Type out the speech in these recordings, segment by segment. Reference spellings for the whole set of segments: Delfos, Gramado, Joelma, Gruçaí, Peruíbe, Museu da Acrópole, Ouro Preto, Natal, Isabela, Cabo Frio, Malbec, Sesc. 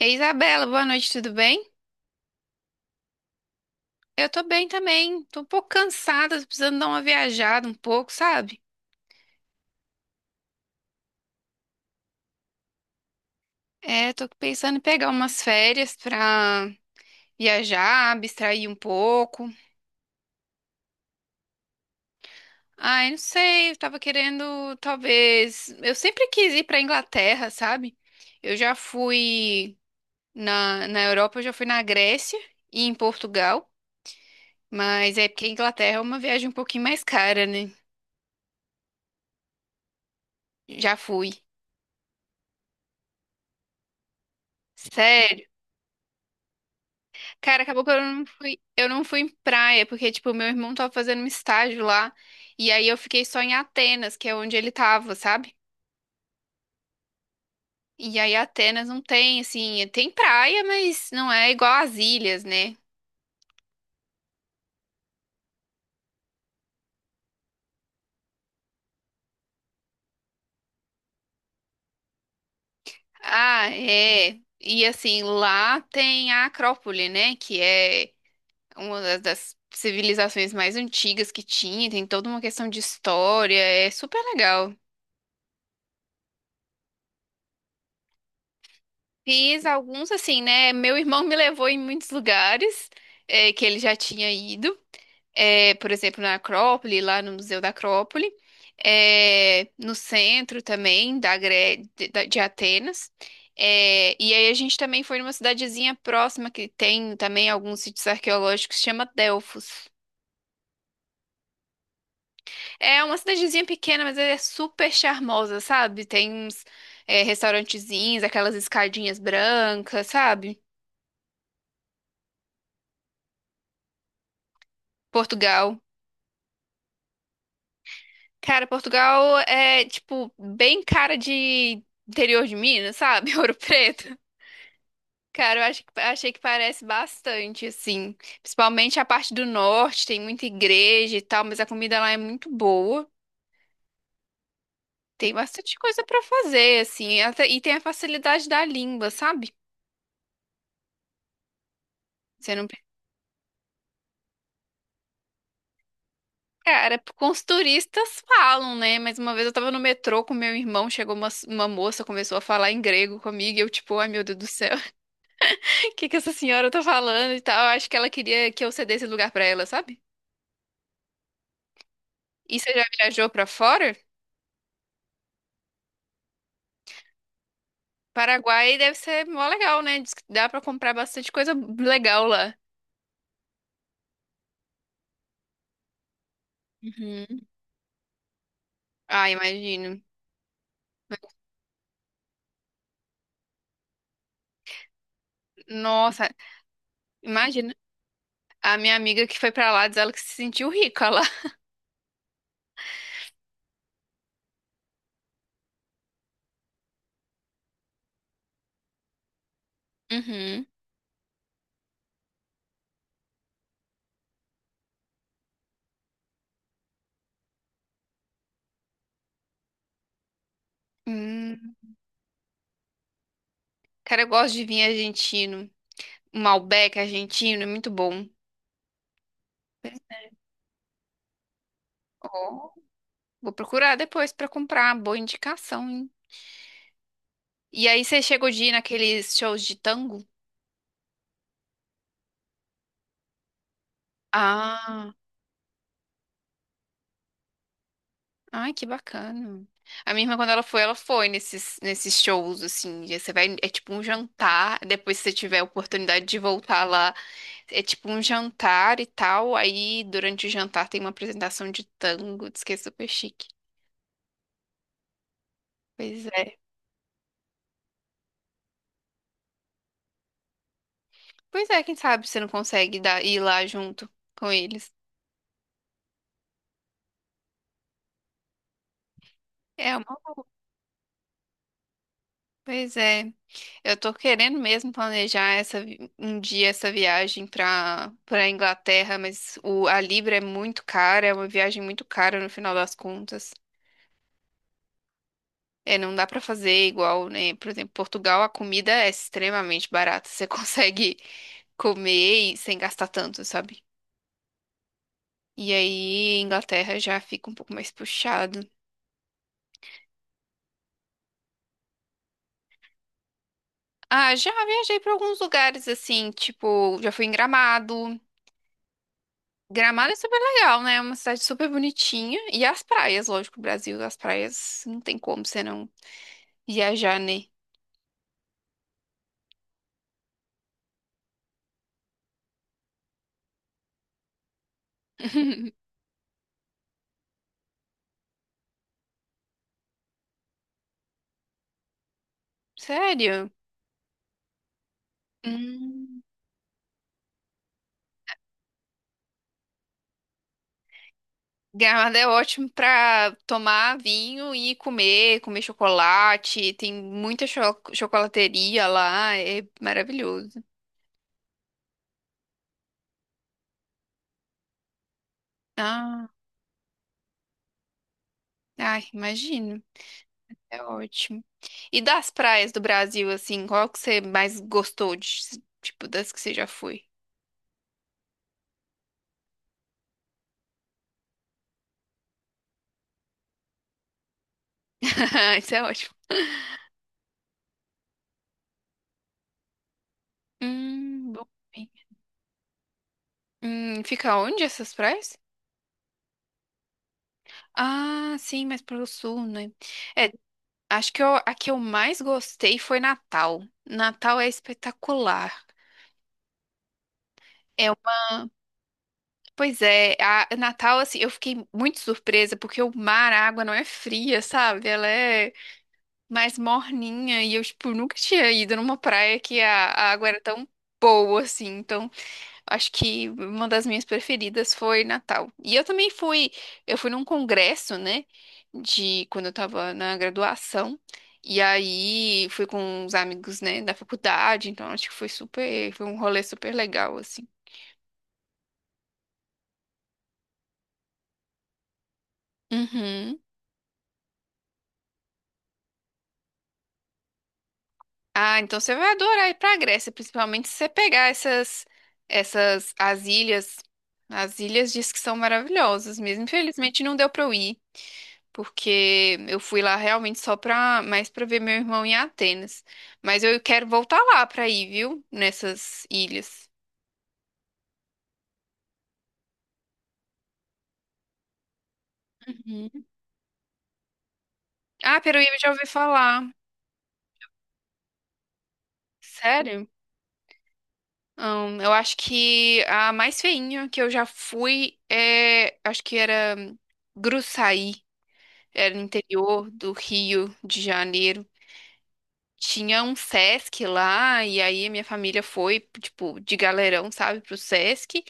Ei, Isabela, boa noite, tudo bem? Eu tô bem também. Tô um pouco cansada, tô precisando dar uma viajada um pouco, sabe? É, tô pensando em pegar umas férias pra viajar, abstrair um pouco. Ai, não sei, eu tava querendo, talvez. Eu sempre quis ir pra Inglaterra, sabe? Eu já fui na Europa, eu já fui na Grécia e em Portugal, mas é porque a Inglaterra é uma viagem um pouquinho mais cara, né? Já fui. Sério? Cara, acabou que eu não fui em praia, porque, tipo, meu irmão tava fazendo um estágio lá, e aí eu fiquei só em Atenas, que é onde ele tava, sabe? E aí Atenas não tem, assim, tem praia, mas não é igual às ilhas, né? Ah, é. E assim, lá tem a Acrópole, né? Que é uma das civilizações mais antigas que tinha, tem toda uma questão de história, é super legal. Fiz alguns assim, né? Meu irmão me levou em muitos lugares que ele já tinha ido. Por exemplo, na Acrópole, lá no Museu da Acrópole, no centro também da Gre- de, da- de Atenas. E aí a gente também foi numa cidadezinha próxima que tem também alguns sítios arqueológicos, chama Delfos. É uma cidadezinha pequena, mas é super charmosa, sabe? Tem uns restaurantezinhos, aquelas escadinhas brancas, sabe? Portugal. Cara, Portugal é, tipo, bem cara de interior de Minas, sabe? Ouro Preto. Cara, eu acho que, achei que parece bastante, assim. Principalmente a parte do norte, tem muita igreja e tal, mas a comida lá é muito boa. Tem bastante coisa pra fazer, assim. E tem a facilidade da língua, sabe? Você não. Cara, com os turistas falam, né? Mas uma vez eu tava no metrô com meu irmão, chegou uma moça, começou a falar em grego comigo, e eu, tipo, ai meu Deus do céu. O que que essa senhora tá falando e tal? Eu acho que ela queria que eu cedesse lugar pra ela, sabe? E você já viajou pra fora? Paraguai deve ser mó legal, né? Diz que dá pra comprar bastante coisa legal lá. Uhum. Ah, imagino. Nossa, imagina. A minha amiga que foi pra lá diz ela que se sentiu rica lá. Uhum. Hum. Cara, eu gosto de vinho argentino. Um Malbec argentino, é muito bom. Ó, vou procurar depois pra comprar. Boa indicação, hein? E aí você chegou de ir naqueles shows de tango? Ah, ai, que bacana. A minha irmã, quando ela foi nesses shows, assim. E você vai, é tipo um jantar. Depois, se você tiver a oportunidade de voltar lá, é tipo um jantar e tal. Aí, durante o jantar, tem uma apresentação de tango. Diz que é super chique. Pois é. Pois é, quem sabe você não consegue dar, ir lá junto com eles. É uma. Pois é. Eu tô querendo mesmo planejar um dia essa viagem pra para Inglaterra, mas a Libra é muito cara, é uma viagem muito cara no final das contas. É, não dá pra fazer igual, né? Por exemplo, Portugal, a comida é extremamente barata. Você consegue comer e sem gastar tanto, sabe? E aí, Inglaterra já fica um pouco mais puxado. Ah, já viajei pra alguns lugares assim, tipo, já fui em Gramado. Gramado é super legal, né? É uma cidade super bonitinha. E as praias, lógico, Brasil, as praias não tem como você não viajar, né? Sério? Hum. Gramado é ótimo pra tomar vinho e comer, comer chocolate. Tem muita chocolateria lá, é maravilhoso. Ah, ai, imagino. É ótimo. E das praias do Brasil, assim, qual que você mais gostou de, tipo, das que você já foi? Isso é ótimo. Bom. Fica onde essas praias? Ah, sim, mas pro sul, né? É, acho que eu, a que eu mais gostei foi Natal. Natal é espetacular. É, uma- Pois é, a Natal, assim, eu fiquei muito surpresa porque o mar, a água não é fria, sabe? Ela é mais morninha e eu, tipo, nunca tinha ido numa praia que a água era tão boa, assim. Então, acho que uma das minhas preferidas foi Natal. E eu também fui, eu fui num congresso, né, de quando eu tava na graduação. E aí fui com uns amigos, né, da faculdade, então acho que foi super, foi um rolê super legal assim. Uhum. Ah, então você vai adorar ir pra Grécia, principalmente se você pegar essas as ilhas. As ilhas diz que são maravilhosas mesmo. Infelizmente não deu pra eu ir, porque eu fui lá realmente só pra, mais pra ver meu irmão em Atenas. Mas eu quero voltar lá pra ir, viu? Nessas ilhas. Uhum. Ah, Peruíbe eu já ouvi falar. Sério? Eu acho que a mais feinha que eu já fui é, acho que era Gruçaí, era no interior do Rio de Janeiro. Tinha um Sesc lá, e aí a minha família foi, tipo, de galerão, sabe, pro Sesc.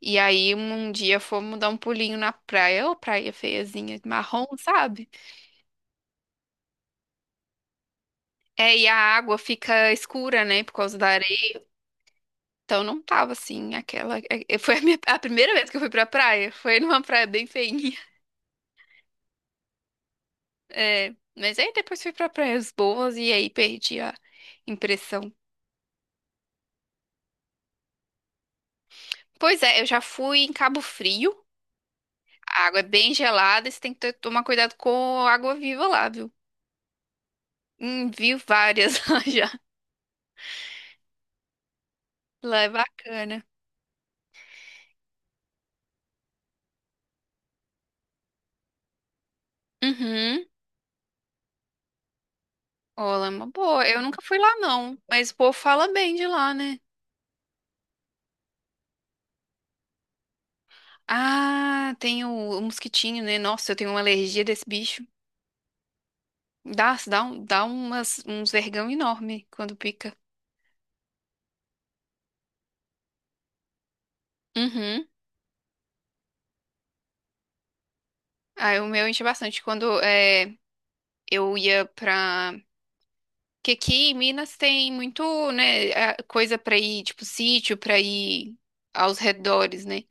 E aí um dia fomos dar um pulinho na praia, ô praia feiazinha, marrom, sabe? É, e a água fica escura, né, por causa da areia. Então não tava assim, aquela. Foi a primeira vez que eu fui pra praia. Foi numa praia bem feinha. É, mas aí depois fui pra praias boas e aí perdi a impressão. Pois é, eu já fui em Cabo Frio. A água é bem gelada e você tem que tomar cuidado com a água viva lá, viu? Vi várias lá já. Lá é bacana. Uhum. Olá, é uma boa. Eu nunca fui lá, não. Mas o povo fala bem de lá, né? Ah, tem o mosquitinho, né? Nossa, eu tenho uma alergia desse bicho. Dá umas, uns vergão enorme quando pica. Uhum. Aí o meu enche bastante. Quando é, eu ia pra que aqui em Minas tem muito, né, coisa pra ir, tipo sítio, pra ir aos redores, né?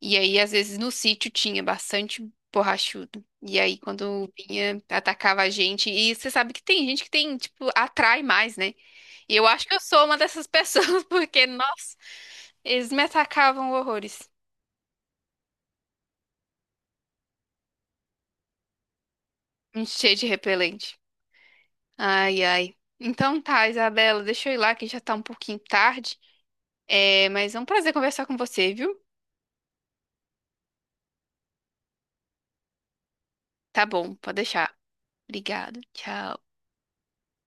E aí, às vezes, no sítio tinha bastante borrachudo. E aí, quando vinha, atacava a gente. E você sabe que tem gente que tem, tipo, atrai mais, né? E eu acho que eu sou uma dessas pessoas, porque, nossa, eles me atacavam horrores. Cheio de repelente. Ai, ai. Então tá, Isabela, deixa eu ir lá que já tá um pouquinho tarde. É, mas é um prazer conversar com você, viu? Tá bom, pode deixar. Obrigado. Tchau.